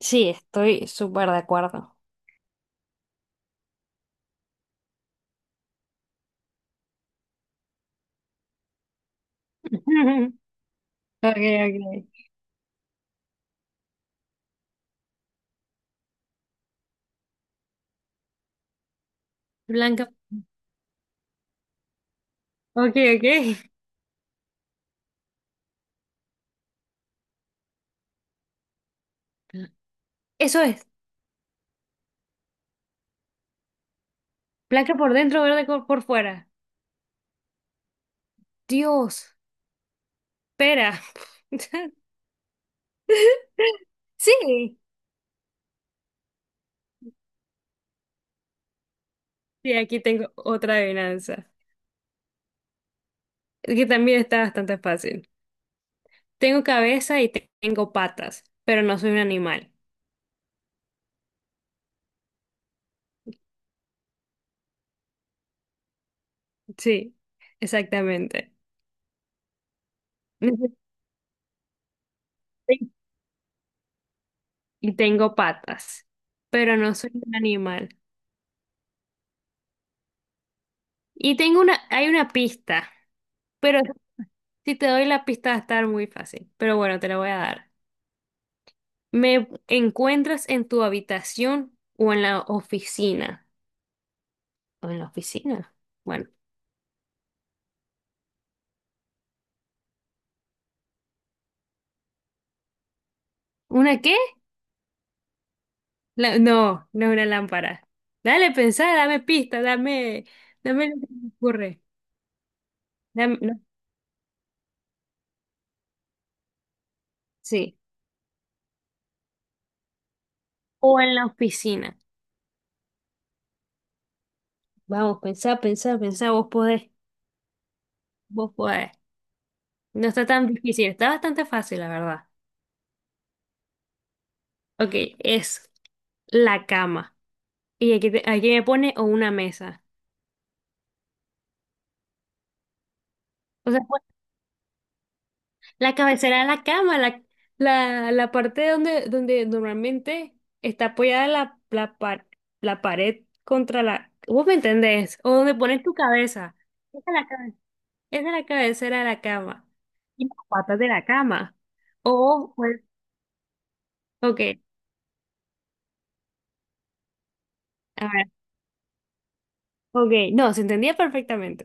Sí, estoy súper de acuerdo. Okay, okay. Blanca. Okay, okay. Eso es. Blanca por dentro, por fuera. Dios, espera. Sí. Sí, aquí tengo otra adivinanza, que también está bastante fácil. Tengo cabeza y tengo patas, pero no soy un animal. Sí, exactamente. Y tengo patas, pero no soy un animal. Y tengo una, hay una pista. Pero si te doy la pista va a estar muy fácil. Pero bueno, te la voy a dar. ¿Me encuentras en tu habitación o en la oficina? ¿O en la oficina? Bueno. ¿Una qué? No, no es una lámpara. Dale, pensá, dame pista, dame lo que se me ocurre. No, sí. O en la oficina. Vamos, pensá, pensá, pensá, vos podés, vos podés. No está tan difícil, está bastante fácil, la verdad. Ok, es la cama. Y aquí, aquí me pone o una mesa. O sea, pues, la cabecera de la cama, la parte donde, donde normalmente está apoyada la la pared contra la... ¿Vos me entendés? O donde pones tu cabeza. Esa es esa es la cabecera de la cama. Y las patas de la cama. O, pues, ok, a ver, ok. No, se entendía perfectamente.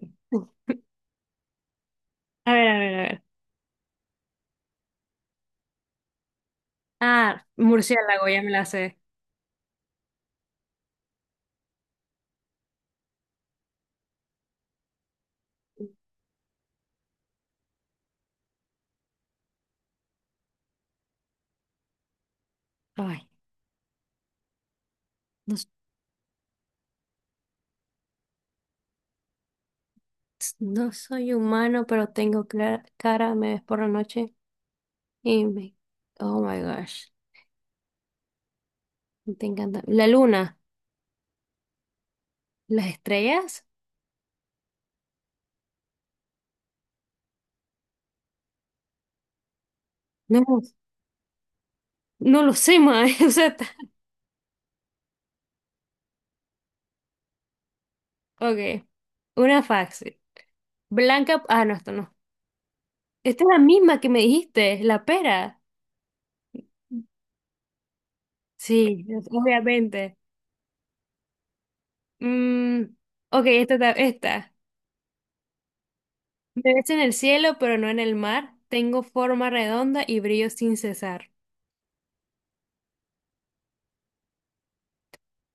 A ver, a ver, a ver. Ah, murciélago, ya me la sé. Ay. No, no soy humano, pero tengo cara, me ves por la noche y me... Oh my gosh, te encanta. La luna, las estrellas, no, no lo sé, mae. O sea, ok, una fax. Blanca, ah, no, esto no. Esta es la misma que me dijiste, la pera. Sí, obviamente. Mm, ok, esta. Me ves en el cielo, pero no en el mar. Tengo forma redonda y brillo sin cesar.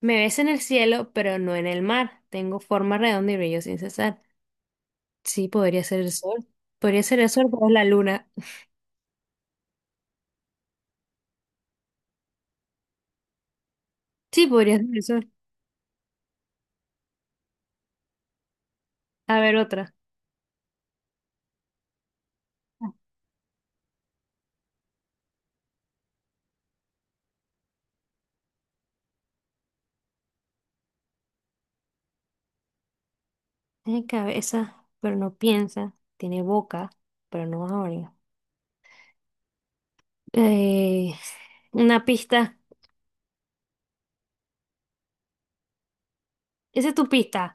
Me ves en el cielo, pero no en el mar. Tengo forma redonda y brillo sin cesar. Sí, podría ser el sol. Podría ser el sol, pero es la luna. Sí, podría ser el sol. A ver, otra. Tiene cabeza, pero no piensa. Tiene boca, pero no habla. Eh, una pista. Esa es tu pista.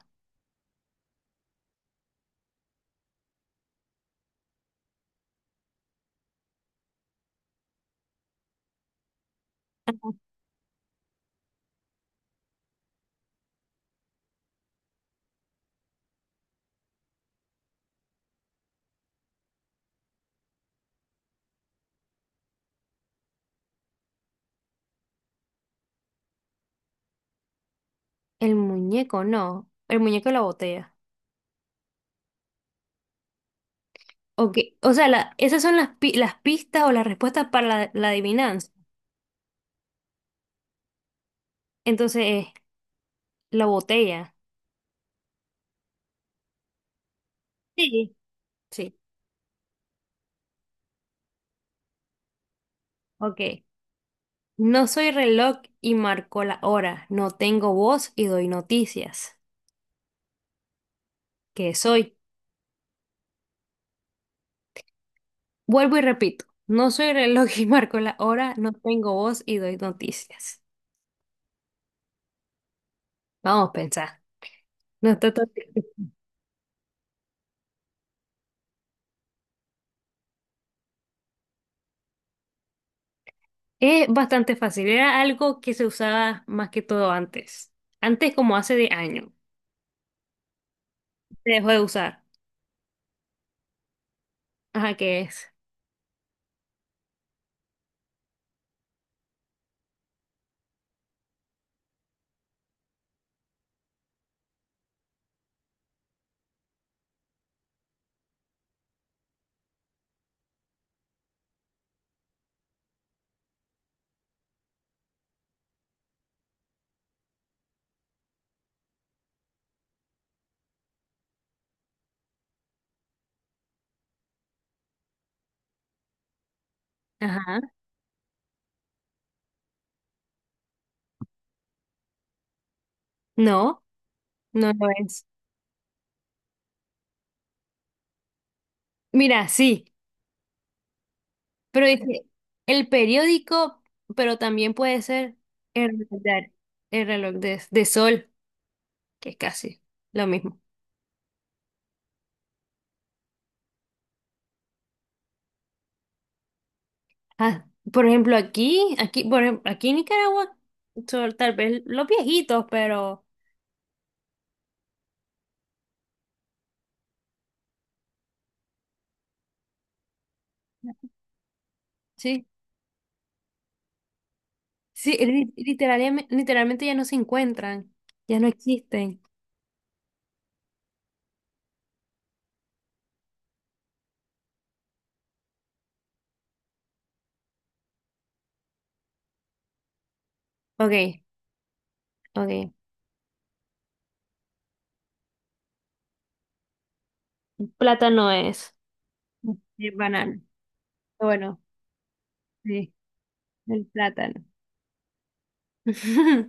El muñeco, no. El muñeco de la botella. Ok. O sea, esas son las, las pistas o las respuestas para la adivinanza. Entonces, es la botella. Sí. Sí. Ok. No soy reloj y marco la hora, no tengo voz y doy noticias. ¿Qué soy? Vuelvo y repito, no soy reloj y marco la hora, no tengo voz y doy noticias. Vamos a pensar. No está tan difícil. Es bastante fácil, era algo que se usaba más que todo antes. Antes como hace de años. Se dejó de usar. Ajá, ¿qué es? Ajá. No, no lo es. Mira, sí. Pero dice, el periódico, pero también puede ser el reloj de, el reloj de sol, que es casi lo mismo. Ah, por ejemplo, aquí, aquí, aquí en Nicaragua, son tal vez los viejitos, pero sí, sí, literalmente, literalmente ya no se encuentran, ya no existen. Ok, ok. Plátano es. El banano. Bueno, sí, el plátano.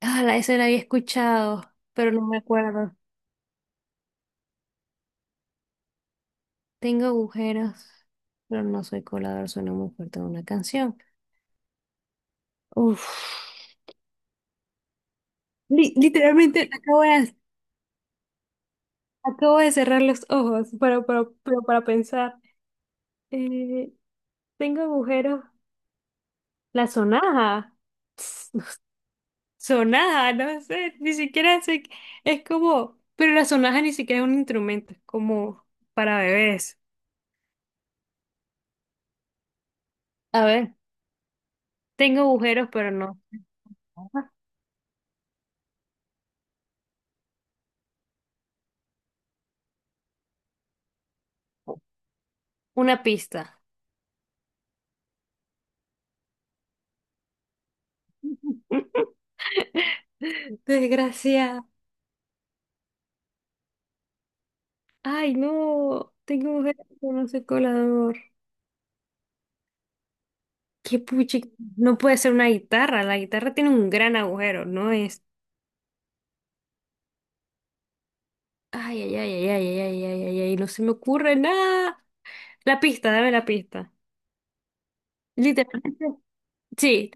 Ah, ese la había escuchado, pero no me acuerdo. Tengo agujeros, pero no soy colador, suena muy fuerte una canción. Uf. Literalmente acabo de cerrar los ojos para, pero para pensar. Eh, tengo agujeros. La sonaja. Sonaja, no sé, ni siquiera sé Es como, pero la sonaja ni siquiera es un instrumento, es como para bebés. A ver, tengo agujeros, pero no. Una pista. Desgraciada. Ay, no, tengo un gato con ese colador. Qué puchi, no puede ser una guitarra. La guitarra tiene un gran agujero, ¿no es? Ay, ay, ay, ay, ay, ay, ay, ay, ay, no se me ocurre nada. La pista, dame la pista. Literalmente. Sí,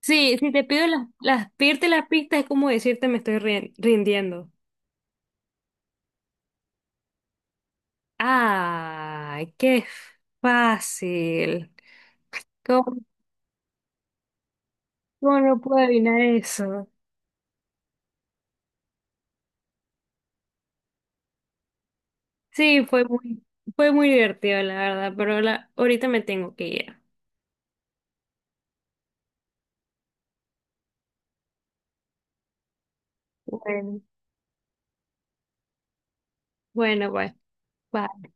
sí, si te pido pedirte las pistas es como decirte me estoy rindiendo. Ay, qué fácil. ¿Cómo, cómo no puedo adivinar eso? Sí, fue muy divertido, la verdad, pero la, ahorita me tengo que ir. Bueno, bueno, pues. Bye.